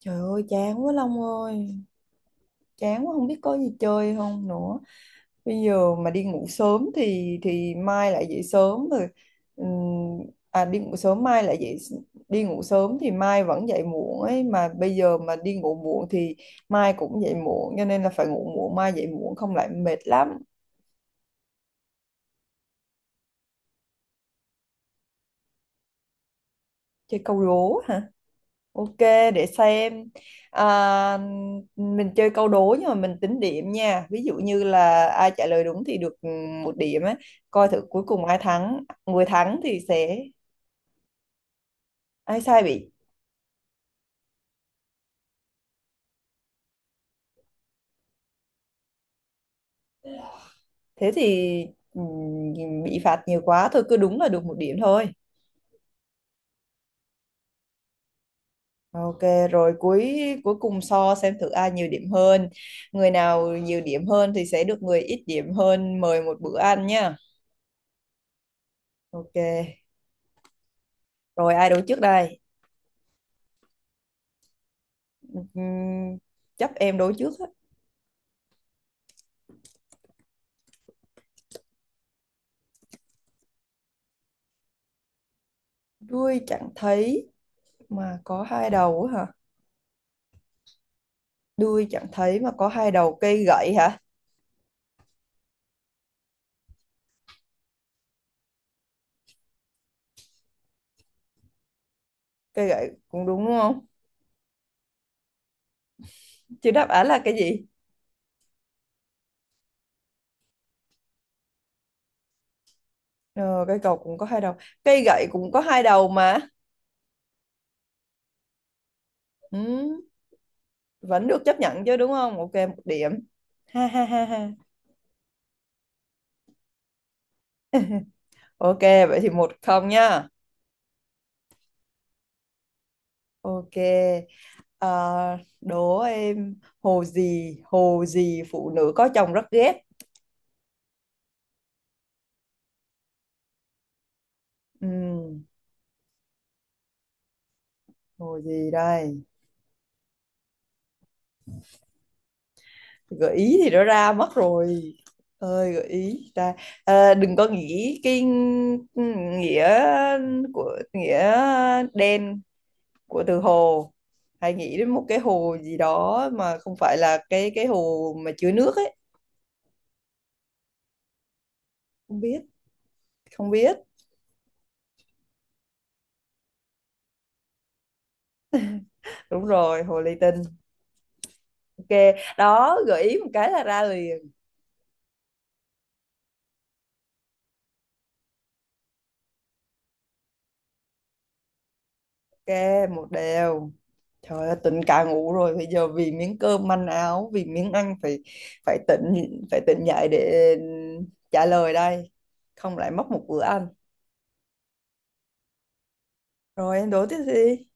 Trời ơi chán quá Long ơi. Chán quá không biết có gì chơi không nữa. Bây giờ mà đi ngủ sớm thì mai lại dậy sớm rồi. Ừm, À, đi ngủ sớm mai lại dậy đi ngủ sớm thì mai vẫn dậy muộn ấy. Mà bây giờ mà đi ngủ muộn thì mai cũng dậy muộn. Cho nên là phải ngủ muộn mai dậy muộn không lại mệt lắm. Chơi câu đố hả? Ok, để xem. à, mình chơi câu đố nhưng mà mình tính điểm nha, ví dụ như là ai trả lời đúng thì được, một điểm ấy, coi thử cuối cùng ai thắng, người thắng thì sẽ... ai sai bị... thế thì ừ, bị phạt nhiều quá, thôi cứ đúng là được một điểm thôi. Ok, rồi cuối cuối cùng so xem thử ai nhiều điểm hơn, người nào nhiều điểm hơn thì sẽ được người ít điểm hơn mời một bữa ăn nha. Ok, rồi ai đấu trước đây? Ừm, Chấp em đấu trước á. Đuôi chẳng thấy mà có hai đầu á hả? Đuôi chẳng thấy mà có hai đầu, cây gậy hả? Cây gậy cũng đúng đúng không? Chứ đáp án là cái gì? Ờ, cây cầu cũng có hai đầu. Cây gậy cũng có hai đầu mà. Ừ, vẫn được chấp nhận chứ đúng không? Ok, một điểm. Ha ha ha ha. Ok, vậy thì một không nhá. Ok. Ờ, Đố em, hồ gì phụ nữ có chồng rất ghét. Ừ, hồ gì đây? Gợi ý thì đã ra mất rồi. Ơi gợi ý ta, à, đừng có nghĩ cái nghĩa của nghĩa đen của từ hồ, hay nghĩ đến một cái hồ gì đó mà không phải là cái hồ mà chứa nước ấy. Không biết. Không biết. Đúng rồi, hồ ly tinh. Ok, đó, gợi ý một cái là ra liền. Ok, một đều. Trời ơi, tỉnh cả ngủ rồi. Bây giờ vì miếng cơm manh áo, vì miếng ăn phải phải tỉnh dậy để trả lời đây. Không lại mất một bữa ăn. Rồi em đố tiếp đi.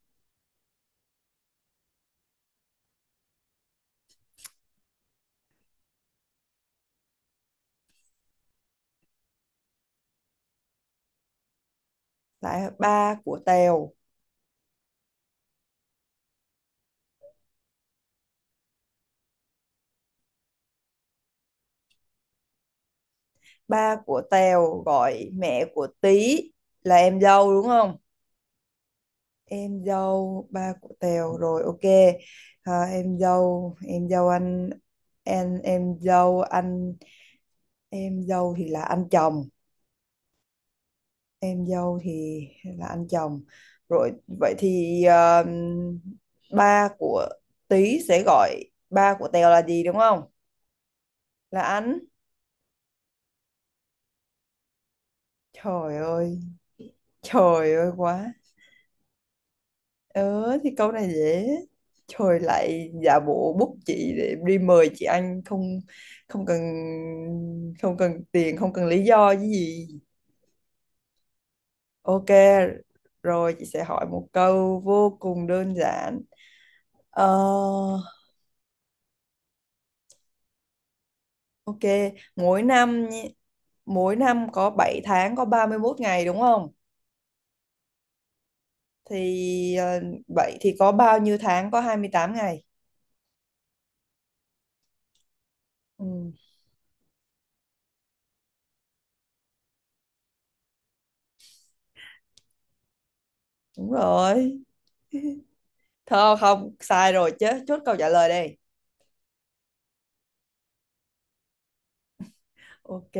Lại ba của Tèo. Ba của Tèo gọi mẹ của Tí là em dâu đúng không? Em dâu ba của Tèo, rồi ok. À, em dâu anh em dâu anh em dâu thì là anh chồng, em dâu thì là anh chồng, rồi vậy thì ba của Tý sẽ gọi ba của Tèo là gì đúng không? Là anh. Trời ơi. Trời ơi quá. Ờ thì câu này dễ. Trời lại giả bộ, bút chị để em đi mời chị anh không, không cần, không cần tiền không cần lý do cái gì. Ok, rồi chị sẽ hỏi một câu vô cùng đơn giản. Ờ, Ok, mỗi năm mỗi năm có 7 tháng có 31 ngày đúng không? Thì vậy thì có bao nhiêu tháng có 28 ngày? Ừ, đúng rồi. Thôi không, sai rồi chứ, chốt câu trả lời đây. Ok,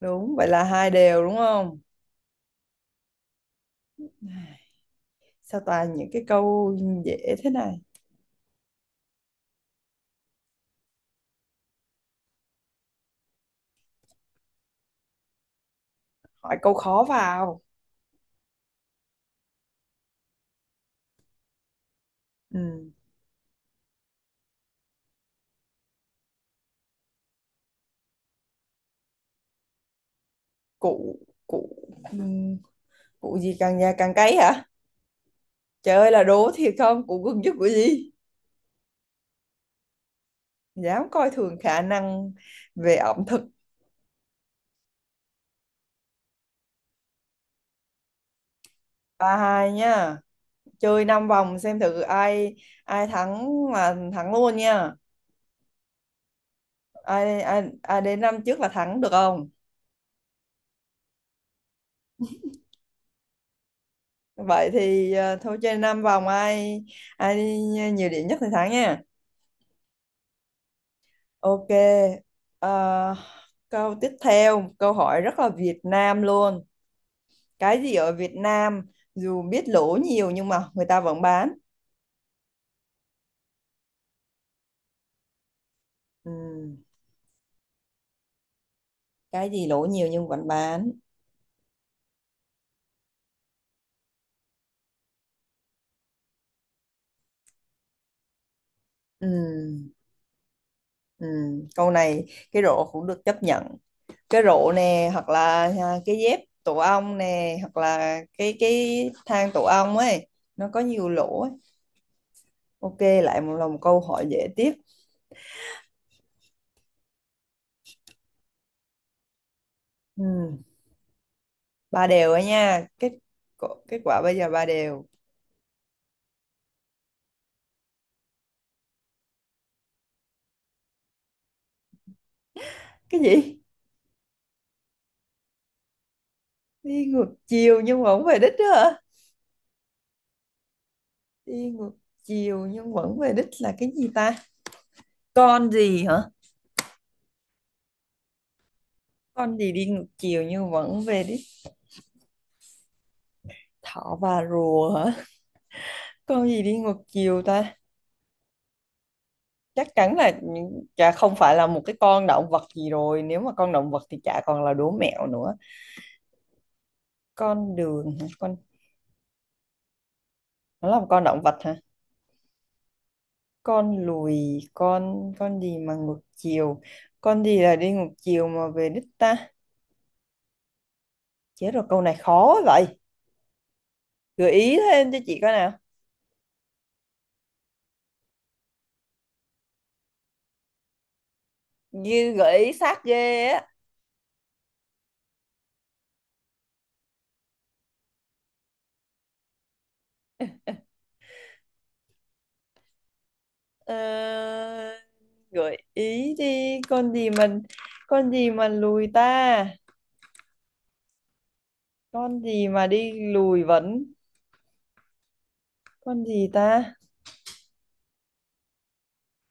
đúng, vậy là hai đều đúng không? Ai, sao toàn những cái câu dễ thế này? Hỏi câu khó vào. Ừ, cụ cụ ừ, cụ gì càng già càng cấy hả? Trời ơi, là đố thiệt không? Cụ gừng chứ cụ gì? Dám coi thường khả năng về ẩm thực. Ba hai nha, chơi 5 vòng xem thử ai ai thắng là thắng luôn nha. Ai ai, Ai đến năm trước là thắng được không? Vậy thì thôi chơi 5 vòng, ai ai đi nhiều điểm nhất thì thắng nha. Ok. ờ, Câu tiếp theo, câu hỏi rất là Việt Nam luôn. Cái gì ở Việt Nam dù biết lỗ nhiều nhưng mà người ta vẫn bán? Ừm, cái gì lỗ nhiều nhưng vẫn bán? Ừm. Ừ, câu này cái rổ cũng được chấp nhận. Cái rổ nè, hoặc là à, cái dép tổ ong nè, hoặc là cái thang tổ ong ấy, nó có nhiều lỗ ấy. Ok, lại một là một câu hỏi dễ tiếp. Ừ, ba đều ấy nha, kết kết quả bây giờ ba đều. Cái gì đi ngược chiều nhưng vẫn về đích đó hả? Đi ngược chiều nhưng vẫn về đích là cái gì ta, con gì hả? Con gì đi ngược chiều nhưng vẫn về đích? Thỏ và rùa hả? Con gì đi ngược chiều ta? Chắc chắn là chả không phải là một cái con động vật gì rồi, nếu mà con động vật thì chả còn là đố mẹo nữa. Con đường hả? Con, nó là một con động vật hả? Con lùi, con gì mà ngược chiều, con gì là đi ngược chiều mà về đích ta? Chết rồi, câu này khó vậy. Gợi ý thêm cho chị coi nào. Như gợi ý sát ghê á. Ờ, gợi ý đi, con gì mình, con gì mà lùi ta, con gì mà đi lùi vẫn... con gì ta?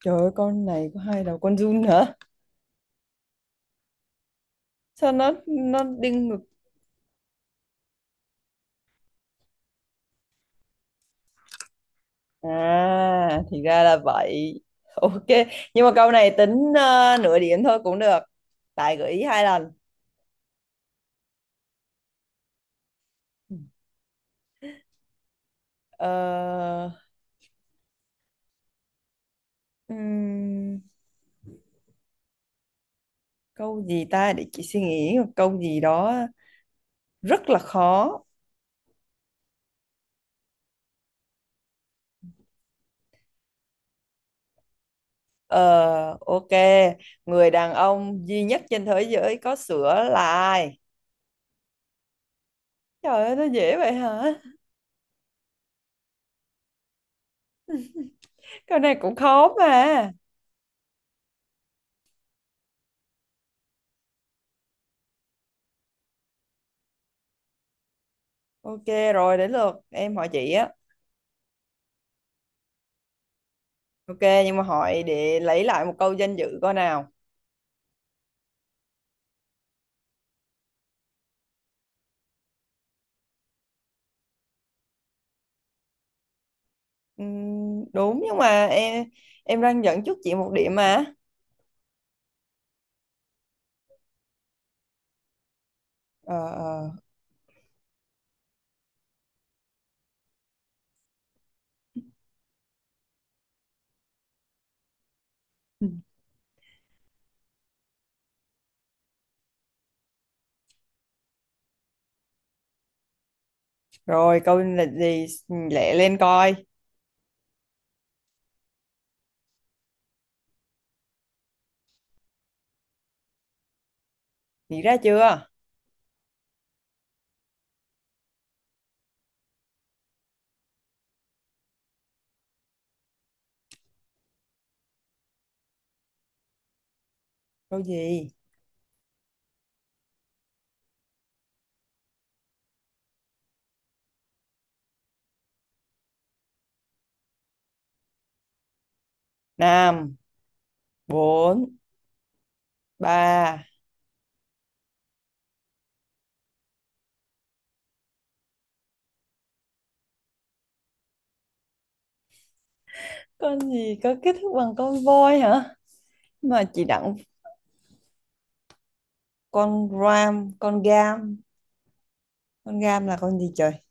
Trời ơi, con này có hai đầu, con giun hả? Sao nó đinh ngực? À thì ra là vậy. Ok, nhưng mà câu này tính nửa điểm thôi cũng được. Tài gợi ý hai lần. Ờ, ừm, câu gì ta, để chị suy nghĩ một câu gì đó rất là khó. Ờ, ok, người đàn ông duy nhất trên thế giới có sữa là ai? Trời ơi, nó dễ vậy hả? Câu này cũng khó mà. Ok, rồi đến lượt em hỏi chị á. Ok, nhưng mà hỏi để lấy lại một câu danh dự coi nào. Đúng, nhưng mà em đang dẫn trước chị một điểm mà. Ờ, ờ. Ừ. Rồi câu là gì? Lẹ lên coi. Nghĩ ra chưa? Câu gì? Năm, bốn, ba. Con gì có kết thúc bằng con voi hả? Mà chị đặng con ram, con gam. Con gam là con gì trời?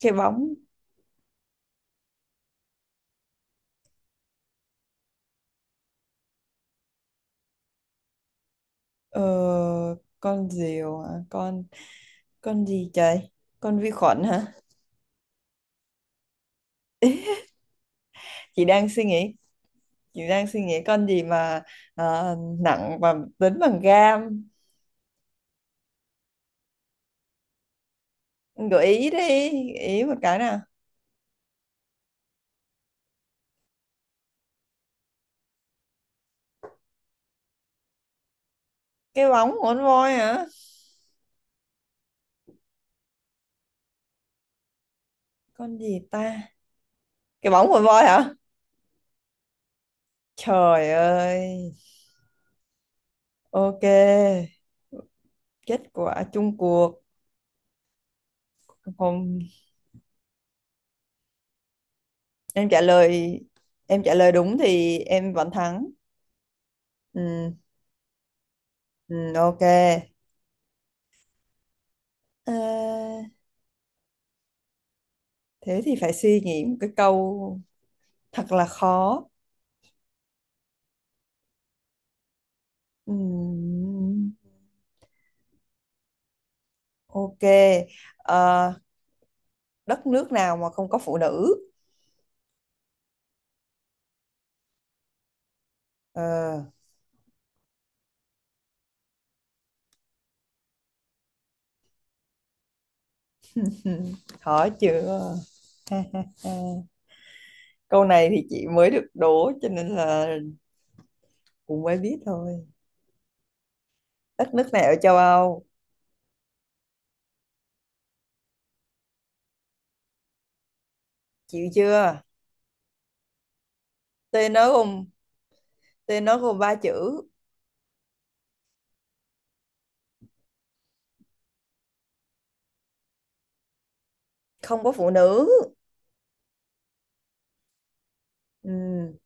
Cái bóng. Ờ, con diều hả? Con gì trời? Con vi khuẩn hả? Chị đang suy nghĩ, chị đang suy nghĩ con gì mà nặng và tính bằng gam. Gợi ý đi, gợi ý một cái nào. Cái bóng của con voi hả? Con gì ta? Cái bóng của voi hả? Trời ơi. Ok, kết quả chung cuộc. Không, em trả lời em trả lời đúng thì em vẫn thắng. Ừ, ừ, ok. Ờ, Thế thì phải suy nghĩ một cái câu thật là khó. Ừm, ok. Ờ, Đất nước nào mà không có phụ nữ? Ờ, khó chưa? Câu này thì chị mới được đố cho nên là cũng mới biết thôi. Đất nước nào ở châu Âu? Chịu chưa? Tên nó gồm Tên nó gồm ba chữ, không có phụ nữ. Ừm,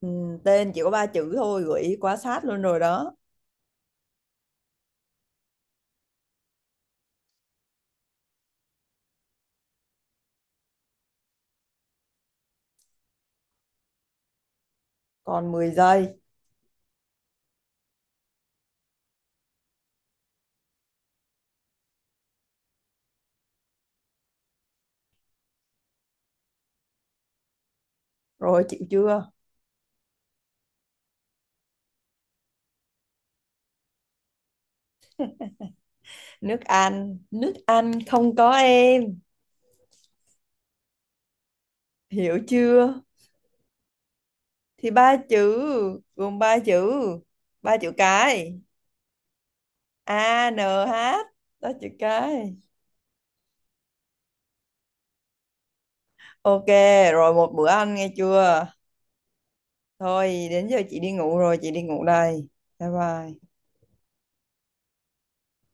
tên chỉ có ba chữ thôi, gợi ý quá sát luôn rồi đó. Còn 10 giây. Rồi chịu chưa? Nước Anh, nước Anh không, có em hiểu chưa? Thì ba chữ, gồm ba chữ, ba chữ cái. A N H, đó, chữ cái. Ok, rồi một bữa ăn nghe chưa. Thôi đến giờ chị đi ngủ rồi, chị đi ngủ đây. Bye bye.